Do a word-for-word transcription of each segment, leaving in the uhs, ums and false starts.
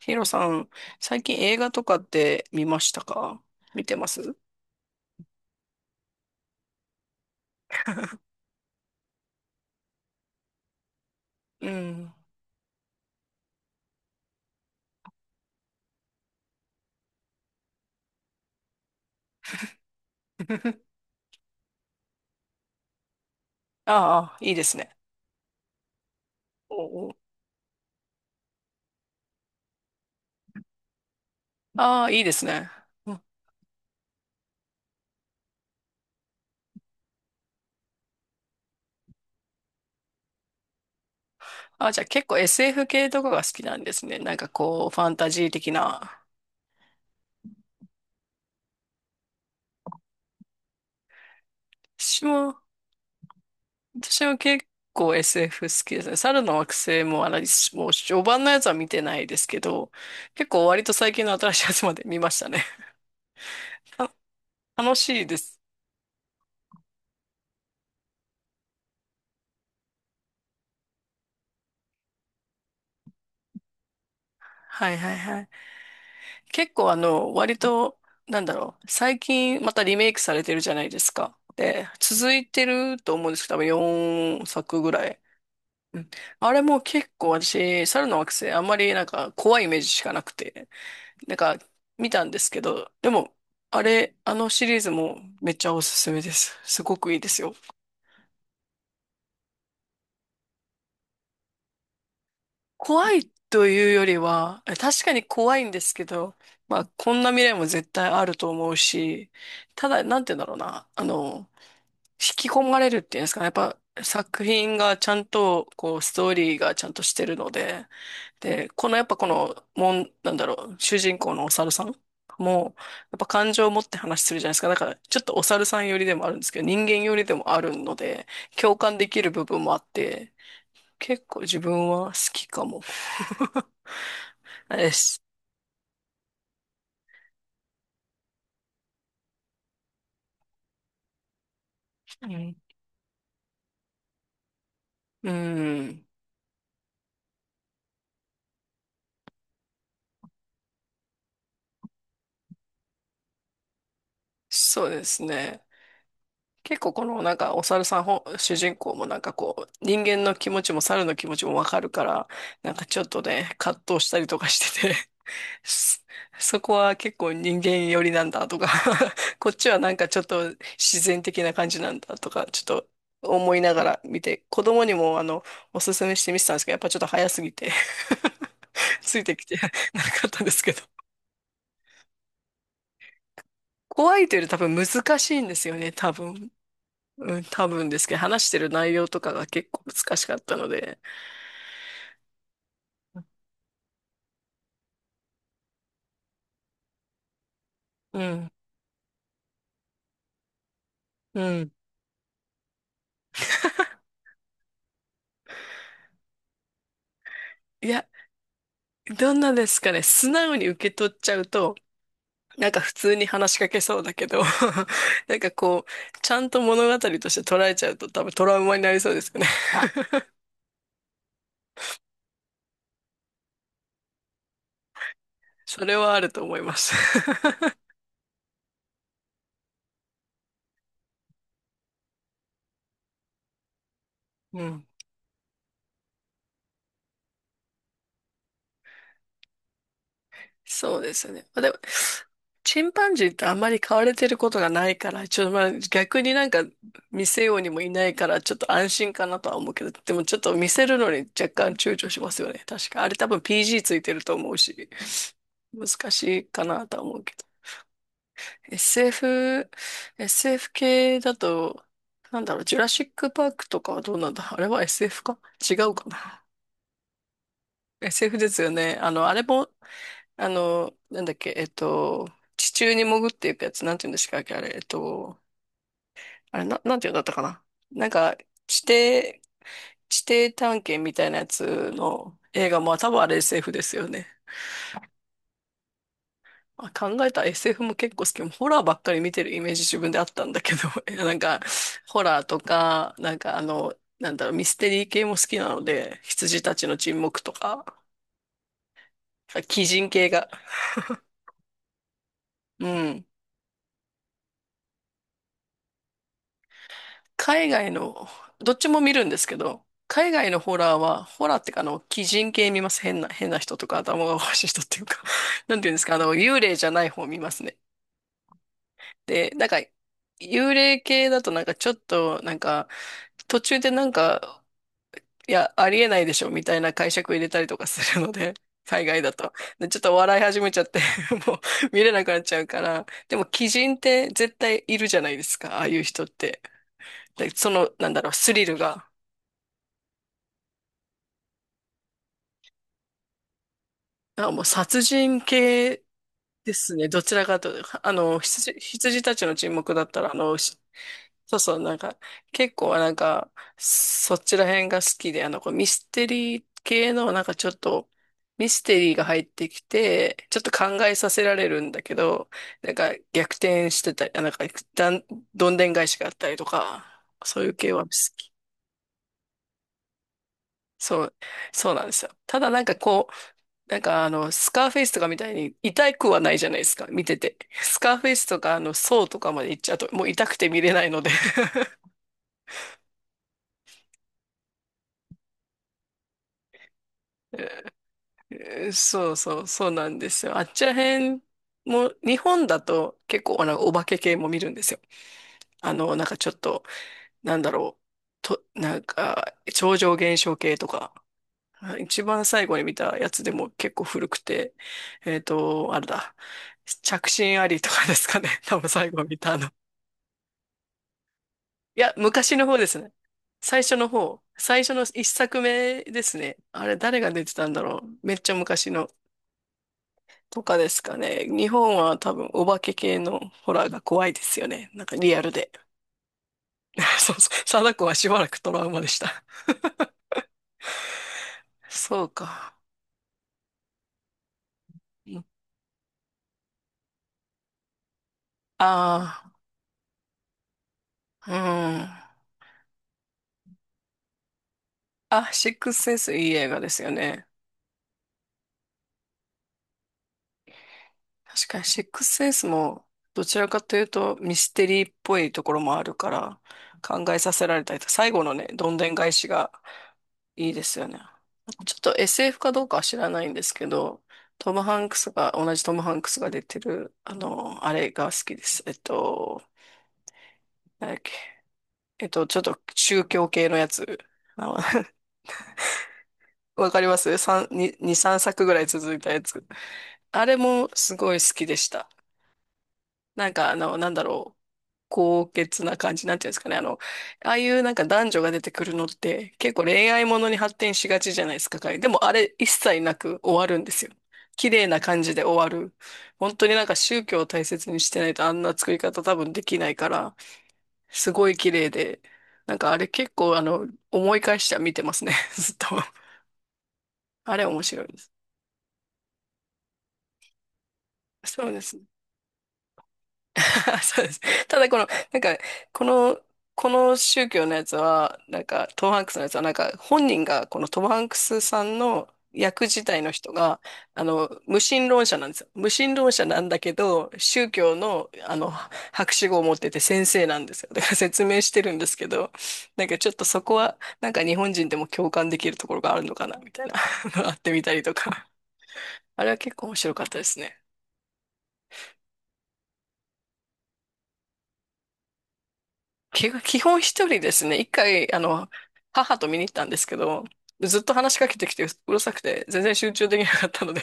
ヒロさん、最近映画とかって見ましたか？見てます。 うん。ああ、いいですね。おお。ああ、いいですね。うん。あ、じゃあ結構 エスエフ 系とかが好きなんですね。なんかこう、ファンタジー的な。私も、私も結構 エスエフ 好きですね。猿の惑星も、あの、もう序盤のやつは見てないですけど、結構割と最近の新しいやつまで見ましたね。た楽しいです。はいはいはい。結構あの、割と、なんだろう、最近またリメイクされてるじゃないですか。で、続いてると思うんですけど、多分よんさくぐらい。うん。あれも結構私、猿の惑星、あんまりなんか怖いイメージしかなくて、なんか見たんですけど、でも、あれ、あのシリーズもめっちゃおすすめです。すごくいいですよ。怖いというよりは、え確かに怖いんですけど、まあ、こんな未来も絶対あると思うし、ただ、なんて言うんだろうな。あの、引き込まれるっていうんですかね。やっぱ作品がちゃんと、こう、ストーリーがちゃんとしてるので、で、このやっぱこの、もん、なんだろう、主人公のお猿さんも、やっぱ感情を持って話するじゃないですか。だから、ちょっとお猿さん寄りでもあるんですけど、人間寄りでもあるので、共感できる部分もあって、結構自分は好きかも。です。うん。うん。そうですね。結構このなんかお猿さん本主人公もなんかこう人間の気持ちも猿の気持ちもわかるから、なんかちょっとね葛藤したりとかしてて、 そそこは結構人間寄りなんだとか、 こっちはなんかちょっと自然的な感じなんだとかちょっと思いながら見て、子供にもあのおすすめして見てたんですけど、やっぱちょっと早すぎて ついてきて なかったんですけど、怖いというより多分難しいんですよね、多分。うん、多分ですけど、話してる内容とかが結構難しかったので、うん、うん。いや、どんなですかね、素直に受け取っちゃうと、なんか普通に話しかけそうだけど、なんかこう、ちゃんと物語として捉えちゃうと多分トラウマになりそうですよね。それはあると思います。うん。そうですね。まあ、でも、チンパンジーってあんまり飼われてることがないから、ちょっとまあ逆になんか見せようにもいないから、ちょっと安心かなとは思うけど、でもちょっと見せるのに若干躊躇しますよね。確か。あれ多分 ピージー ついてると思うし、難しいかなとは思うけど。エスエフ、エスエフ 系だと、なんだろう、ジュラシックパークとかはどうなんだ、あれは エスエフ か違うかな。 エスエフ ですよね。あの、あれも、あの、なんだっけ、えっと、地中に潜っていくやつ、なんて言うんでしたっけ、あれ、えっと、あれ、な、なんて言うんだったかな。なんか、地底、地底探検みたいなやつの映画も多分あれ エスエフ ですよね。あ、考えたら エスエフ も結構好き。ホラーばっかり見てるイメージ自分であったんだけど、いやなんか、ホラーとか、なんかあの、なんだろう、ミステリー系も好きなので、羊たちの沈黙とか、鬼人系が。うん。海外の、どっちも見るんですけど、海外のホラーは、ホラーってか、あの、鬼人系見ます。変な、変な人とか、頭がおかしい人っていうか、 なんていうんですか、あの、幽霊じゃない方見ますね。で、なんか、幽霊系だとなんかちょっと、なんか、途中でなんか、いや、ありえないでしょ、みたいな解釈入れたりとかするので、海外だと。で、ちょっと笑い始めちゃって、 もう見れなくなっちゃうから、でも鬼人って絶対いるじゃないですか、ああいう人って。で、その、なんだろう、スリルが。あ、もう殺人系ですね。どちらかというと、あの、羊、羊たちの沈黙だったら、あの、し、そうそう、なんか、結構なんか、そっちら辺が好きで、あの、こうミステリー系の、なんかちょっと、ミステリーが入ってきて、ちょっと考えさせられるんだけど、なんか逆転してたり、あなんか、だん、どんでん返しがあったりとか、そういう系は好き。そう、そうなんですよ。ただなんかこう、なんかあの、スカーフェイスとかみたいに痛くはないじゃないですか、見てて。スカーフェイスとかあの、ソーとかまで行っちゃうと、もう痛くて見れないので。 そうそう、そうなんですよ。あっちらへんも、日本だと結構あの、お化け系も見るんですよ。あの、なんかちょっと、なんだろう、と、なんか、超常現象系とか。一番最後に見たやつでも結構古くて、えっと、あれだ。着信ありとかですかね。多分最後見たの。いや、昔の方ですね。最初の方。最初の一作目ですね。あれ、誰が出てたんだろう。めっちゃ昔の。とかですかね。日本は多分お化け系のホラーが怖いですよね。なんかリアルで。そうそう。貞子はしばらくトラウマでした。そうか。うん。ああ、うん。あ、シックスセンスいい映画ですよね。確かにシックスセンスもどちらかというとミステリーっぽいところもあるから、考えさせられたりと、最後のね、どんでん返しがいいですよね。ちょっと エスエフ かどうかは知らないんですけど、トム・ハンクスが、同じトム・ハンクスが出てる、あの、あれが好きです。えっと、なんだっけ。えっと、ちょっと宗教系のやつ。あの、 わかりますさんに二に、さんさくぐらい続いたやつ。あれもすごい好きでした。なんかあの、なんだろう。高潔な感じ、なんていうんですかね。あの、ああいうなんか男女が出てくるのって結構恋愛ものに発展しがちじゃないですか。彼でもあれ一切なく終わるんですよ。綺麗な感じで終わる。本当になんか宗教を大切にしてないとあんな作り方多分できないから、すごい綺麗で、なんかあれ結構あの、思い返しては見てますね。ずっと。あれ面白いです。そうですね。そうです。ただこの、なんか、この、この宗教のやつは、なんか、トム・ハンクスのやつは、なんか、本人が、このトム・ハンクスさんの役自体の人が、あの、無神論者なんですよ。無神論者なんだけど、宗教の、あの、博士号を持ってて先生なんですよ。だから説明してるんですけど、なんかちょっとそこは、なんか日本人でも共感できるところがあるのかな、みたいな、あってみたりとか。あれは結構面白かったですね。基本基本一人ですね。一回、あの、母と見に行ったんですけど、ずっと話しかけてきてうるさくて、全然集中できなかったので、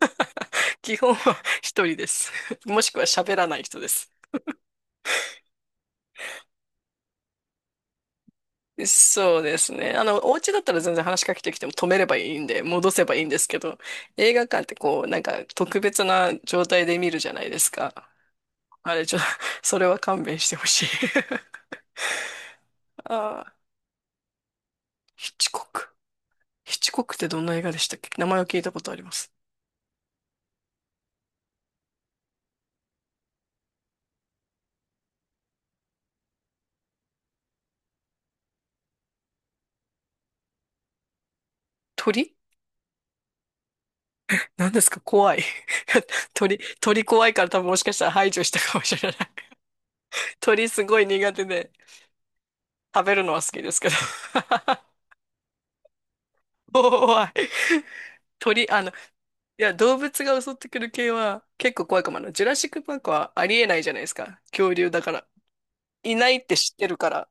基本は一人です。もしくは喋らない人です。そうですね。あの、お家だったら全然話しかけてきても止めればいいんで、戻せばいいんですけど、映画館ってこう、なんか特別な状態で見るじゃないですか。あれ、ちょ、それは勘弁してほしい。 ああ、ヒッチコック。ヒッチコックってどんな映画でしたっけ、名前を聞いたことあります。鳥？何ですか、怖い。鳥、鳥怖いから多分もしかしたら排除したかもしれない。鳥すごい苦手で、食べるのは好きですけど。怖い。鳥、あの、いや、動物が襲ってくる系は結構怖いかもな。あのジュラシックパークはありえないじゃないですか。恐竜だから。いないって知ってるから。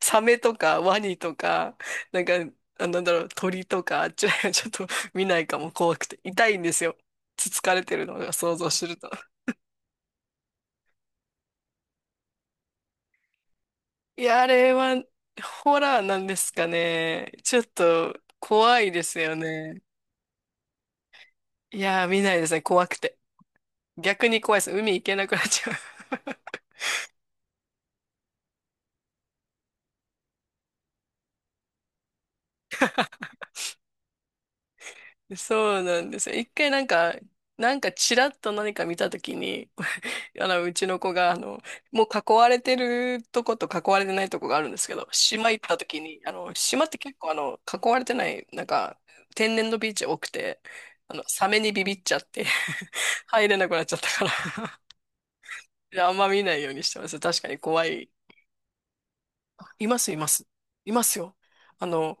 サメとかワニとか、なんか、あなんだろう、鳥とか、あっちらへんはちょっと見ないかも、怖くて。痛いんですよ。つつかれてるのが想像すると。いや、あれはホラーなんですかね。ちょっと怖いですよね。いやー、見ないですね。怖くて。逆に怖いです。海行けなくなっちゃう。そうなんですよ。一回なんか、なんかチラッと何か見たときに、あの、うちの子が、あの、もう囲われてるとこと囲われてないとこがあるんですけど、島行ったときに、あの、島って結構あの、囲われてない、なんか、天然のビーチ多くて、あの、サメにビビっちゃって、入れなくなっちゃったから、であんま見ないようにしてます。確かに怖い。います、います。いますよ。あの、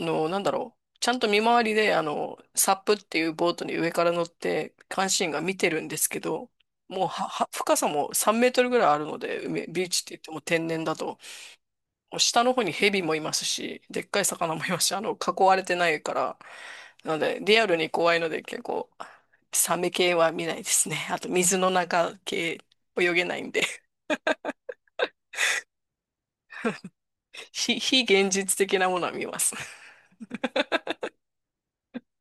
あの、なんだろう。ちゃんと見回りで、あの、サップっていうボートに上から乗って、監視員が見てるんですけど、もうは、は深さもさんメートルぐらいあるので、海、ビーチって言っても天然だと、もう下の方にヘビもいますし、でっかい魚もいますし、あの、囲われてないから、なので、リアルに怖いので、結構、サメ系は見ないですね。あと、水の中系、泳げないんで。非、非現実的なものは見ますね。